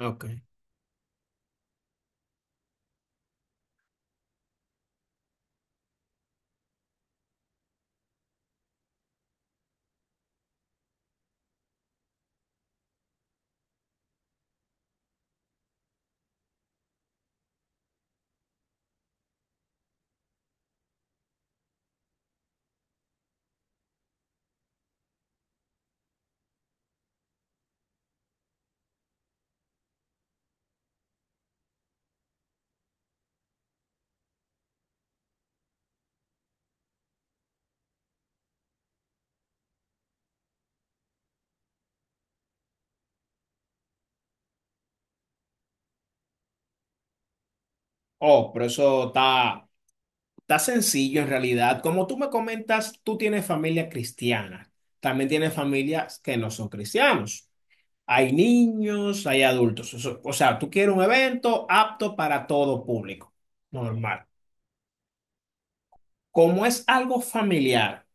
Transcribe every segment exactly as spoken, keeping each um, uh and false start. Ok. Oh, pero eso está, está sencillo en realidad. Como tú me comentas, tú tienes familia cristiana. También tienes familias que no son cristianos. Hay niños, hay adultos. Eso- o sea, tú quieres un evento apto para todo público. Normal. Como es algo familiar,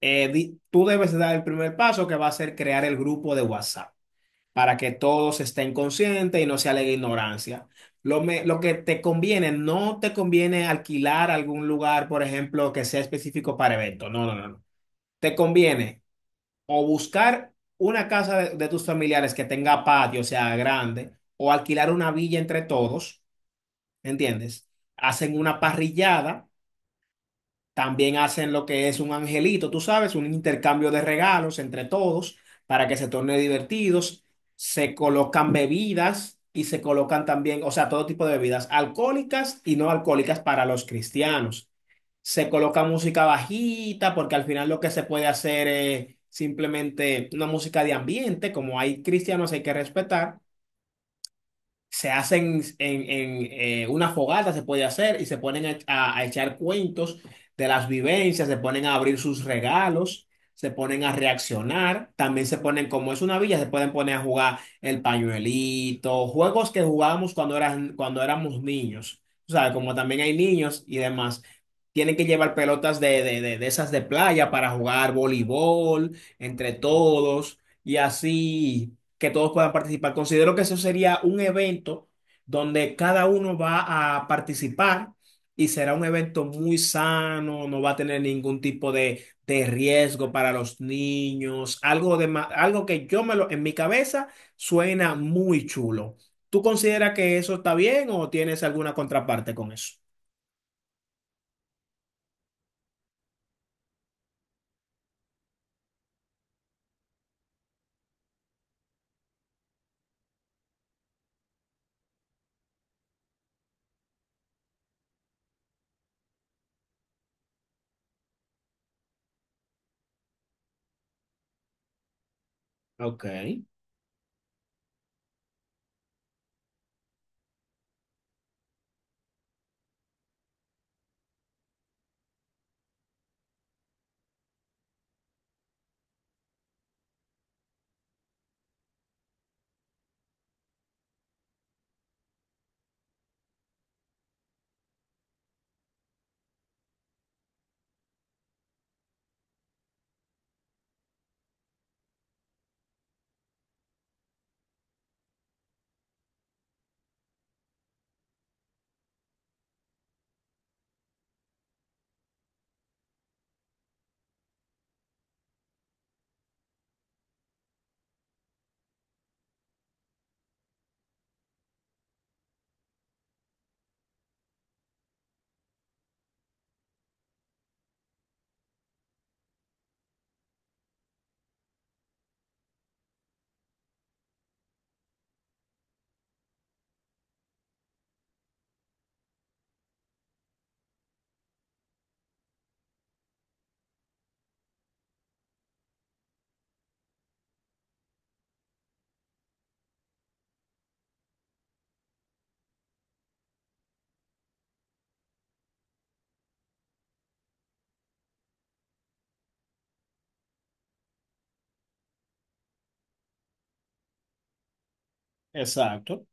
eh, di- tú debes dar el primer paso que va a ser crear el grupo de WhatsApp, para que todos estén conscientes y no se alegue ignorancia. Lo, me- lo que te conviene, no te conviene alquilar algún lugar, por ejemplo, que sea específico para eventos. No, no, no, no. Te conviene o buscar una casa de, de tus familiares que tenga patio, o sea, grande, o alquilar una villa entre todos, ¿entiendes? Hacen una parrillada, también hacen lo que es un angelito, tú sabes, un intercambio de regalos entre todos para que se torne divertidos. Se colocan bebidas y se colocan también, o sea, todo tipo de bebidas alcohólicas y no alcohólicas para los cristianos. Se coloca música bajita porque al final lo que se puede hacer es simplemente una música de ambiente, como hay cristianos hay que respetar. Se hacen en, en, eh, una fogata, se puede hacer, y se ponen a, a- a echar cuentos de las vivencias, se ponen a abrir sus regalos, se ponen a reaccionar, también se ponen, como es una villa, se pueden poner a jugar el pañuelito, juegos que jugábamos cuando eran, cuando éramos niños, o sea, como también hay niños y demás. Tienen que llevar pelotas de, de, de, de esas de playa para jugar voleibol entre todos, y así que todos puedan participar. Considero que eso sería un evento donde cada uno va a participar y será un evento muy sano, no va a tener ningún tipo de, de riesgo para los niños, algo de, ma- algo que yo me lo, en mi cabeza suena muy chulo. ¿Tú consideras que eso está bien o tienes alguna contraparte con eso? Ok, exacto.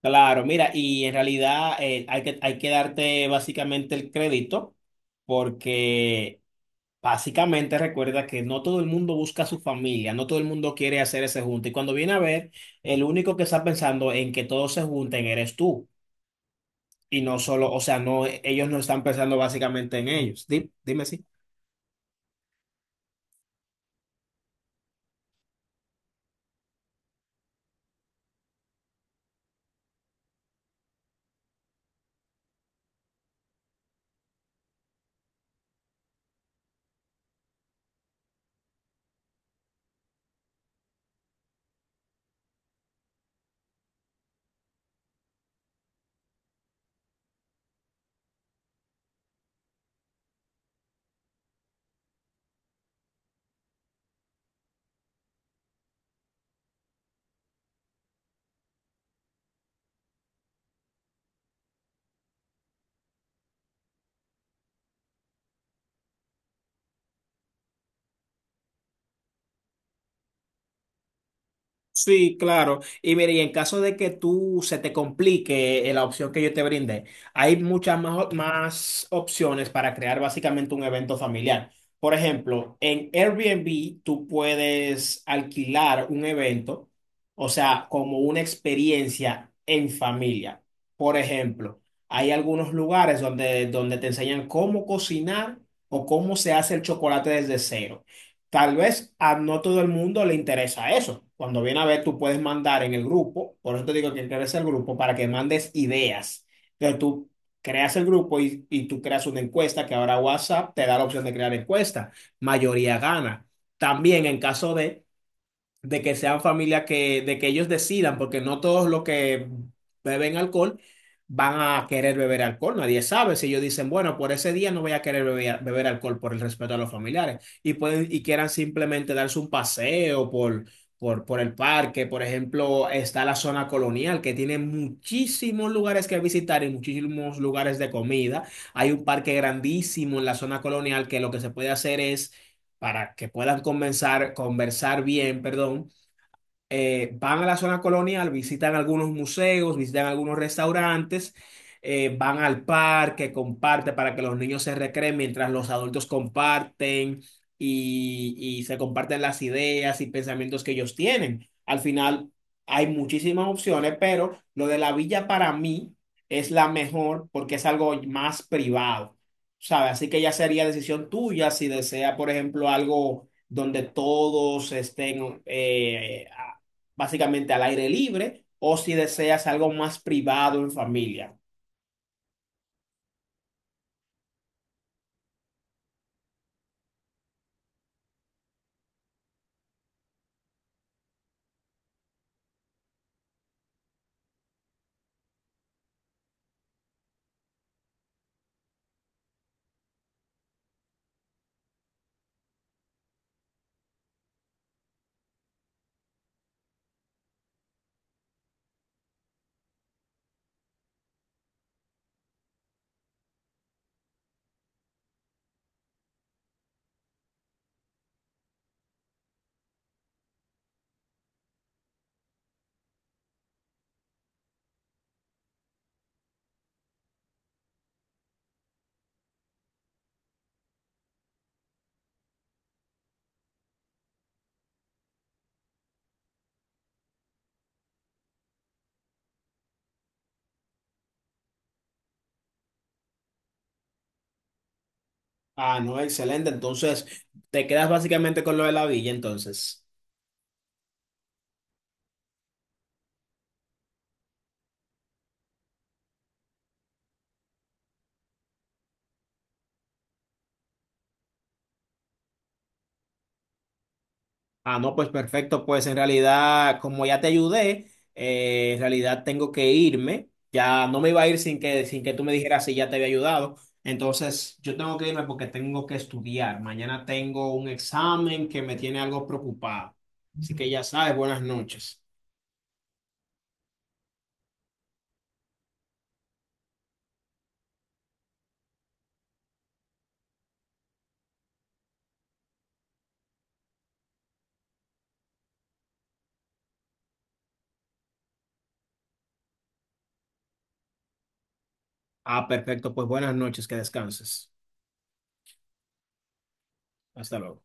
Claro, mira, y en realidad eh, hay que, hay que darte básicamente el crédito porque básicamente recuerda que no todo el mundo busca a su familia, no todo el mundo quiere hacer ese junte. Y cuando viene a ver, el único que está pensando en que todos se junten eres tú. Y no solo, o sea, no, ellos no están pensando básicamente en ellos. Di- Dime, si sí, claro. Y mire, y en caso de que tú se te complique eh, la opción que yo te brindé, hay muchas más, op- más opciones para crear básicamente un evento familiar. Por ejemplo, en Airbnb tú puedes alquilar un evento, o sea, como una experiencia en familia. Por ejemplo, hay algunos lugares donde, donde te enseñan cómo cocinar o cómo se hace el chocolate desde cero. Tal vez a no todo el mundo le interesa eso. Cuando viene a ver, tú puedes mandar en el grupo, por eso te digo que crees el grupo, para que mandes ideas. Entonces tú creas el grupo y, y tú creas una encuesta que ahora WhatsApp te da la opción de crear encuesta. Mayoría gana. También en caso de de que sean familias que, de que ellos decidan, porque no todos los que beben alcohol van a querer beber alcohol. Nadie sabe si ellos dicen, bueno, por ese día no voy a querer beber, beber alcohol por el respeto a los familiares. Y pueden, y quieran simplemente darse un paseo por, por, por el parque. Por ejemplo, está la zona colonial, que tiene muchísimos lugares que visitar y muchísimos lugares de comida. Hay un parque grandísimo en la zona colonial que lo que se puede hacer es para que puedan conversar conversar bien, perdón, eh, van a la zona colonial, visitan algunos museos, visitan algunos restaurantes, eh, van al parque, comparte para que los niños se recreen mientras los adultos comparten y, y se comparten las ideas y pensamientos que ellos tienen. Al final hay muchísimas opciones, pero lo de la villa para mí es la mejor porque es algo más privado. ¿Sabes? Así que ya sería decisión tuya si desea, por ejemplo, algo donde todos estén eh, básicamente al aire libre, o si deseas algo más privado en familia. Ah, no, excelente. Entonces, te quedas básicamente con lo de la villa, entonces. Ah, no, pues perfecto. Pues en realidad, como ya te ayudé, eh, en realidad tengo que irme. Ya no me iba a ir sin que, sin que tú me dijeras si ya te había ayudado. Entonces, yo tengo que irme porque tengo que estudiar. Mañana tengo un examen que me tiene algo preocupado. Así que ya sabes, buenas noches. Ah, perfecto. Pues buenas noches, que descanses. Hasta luego.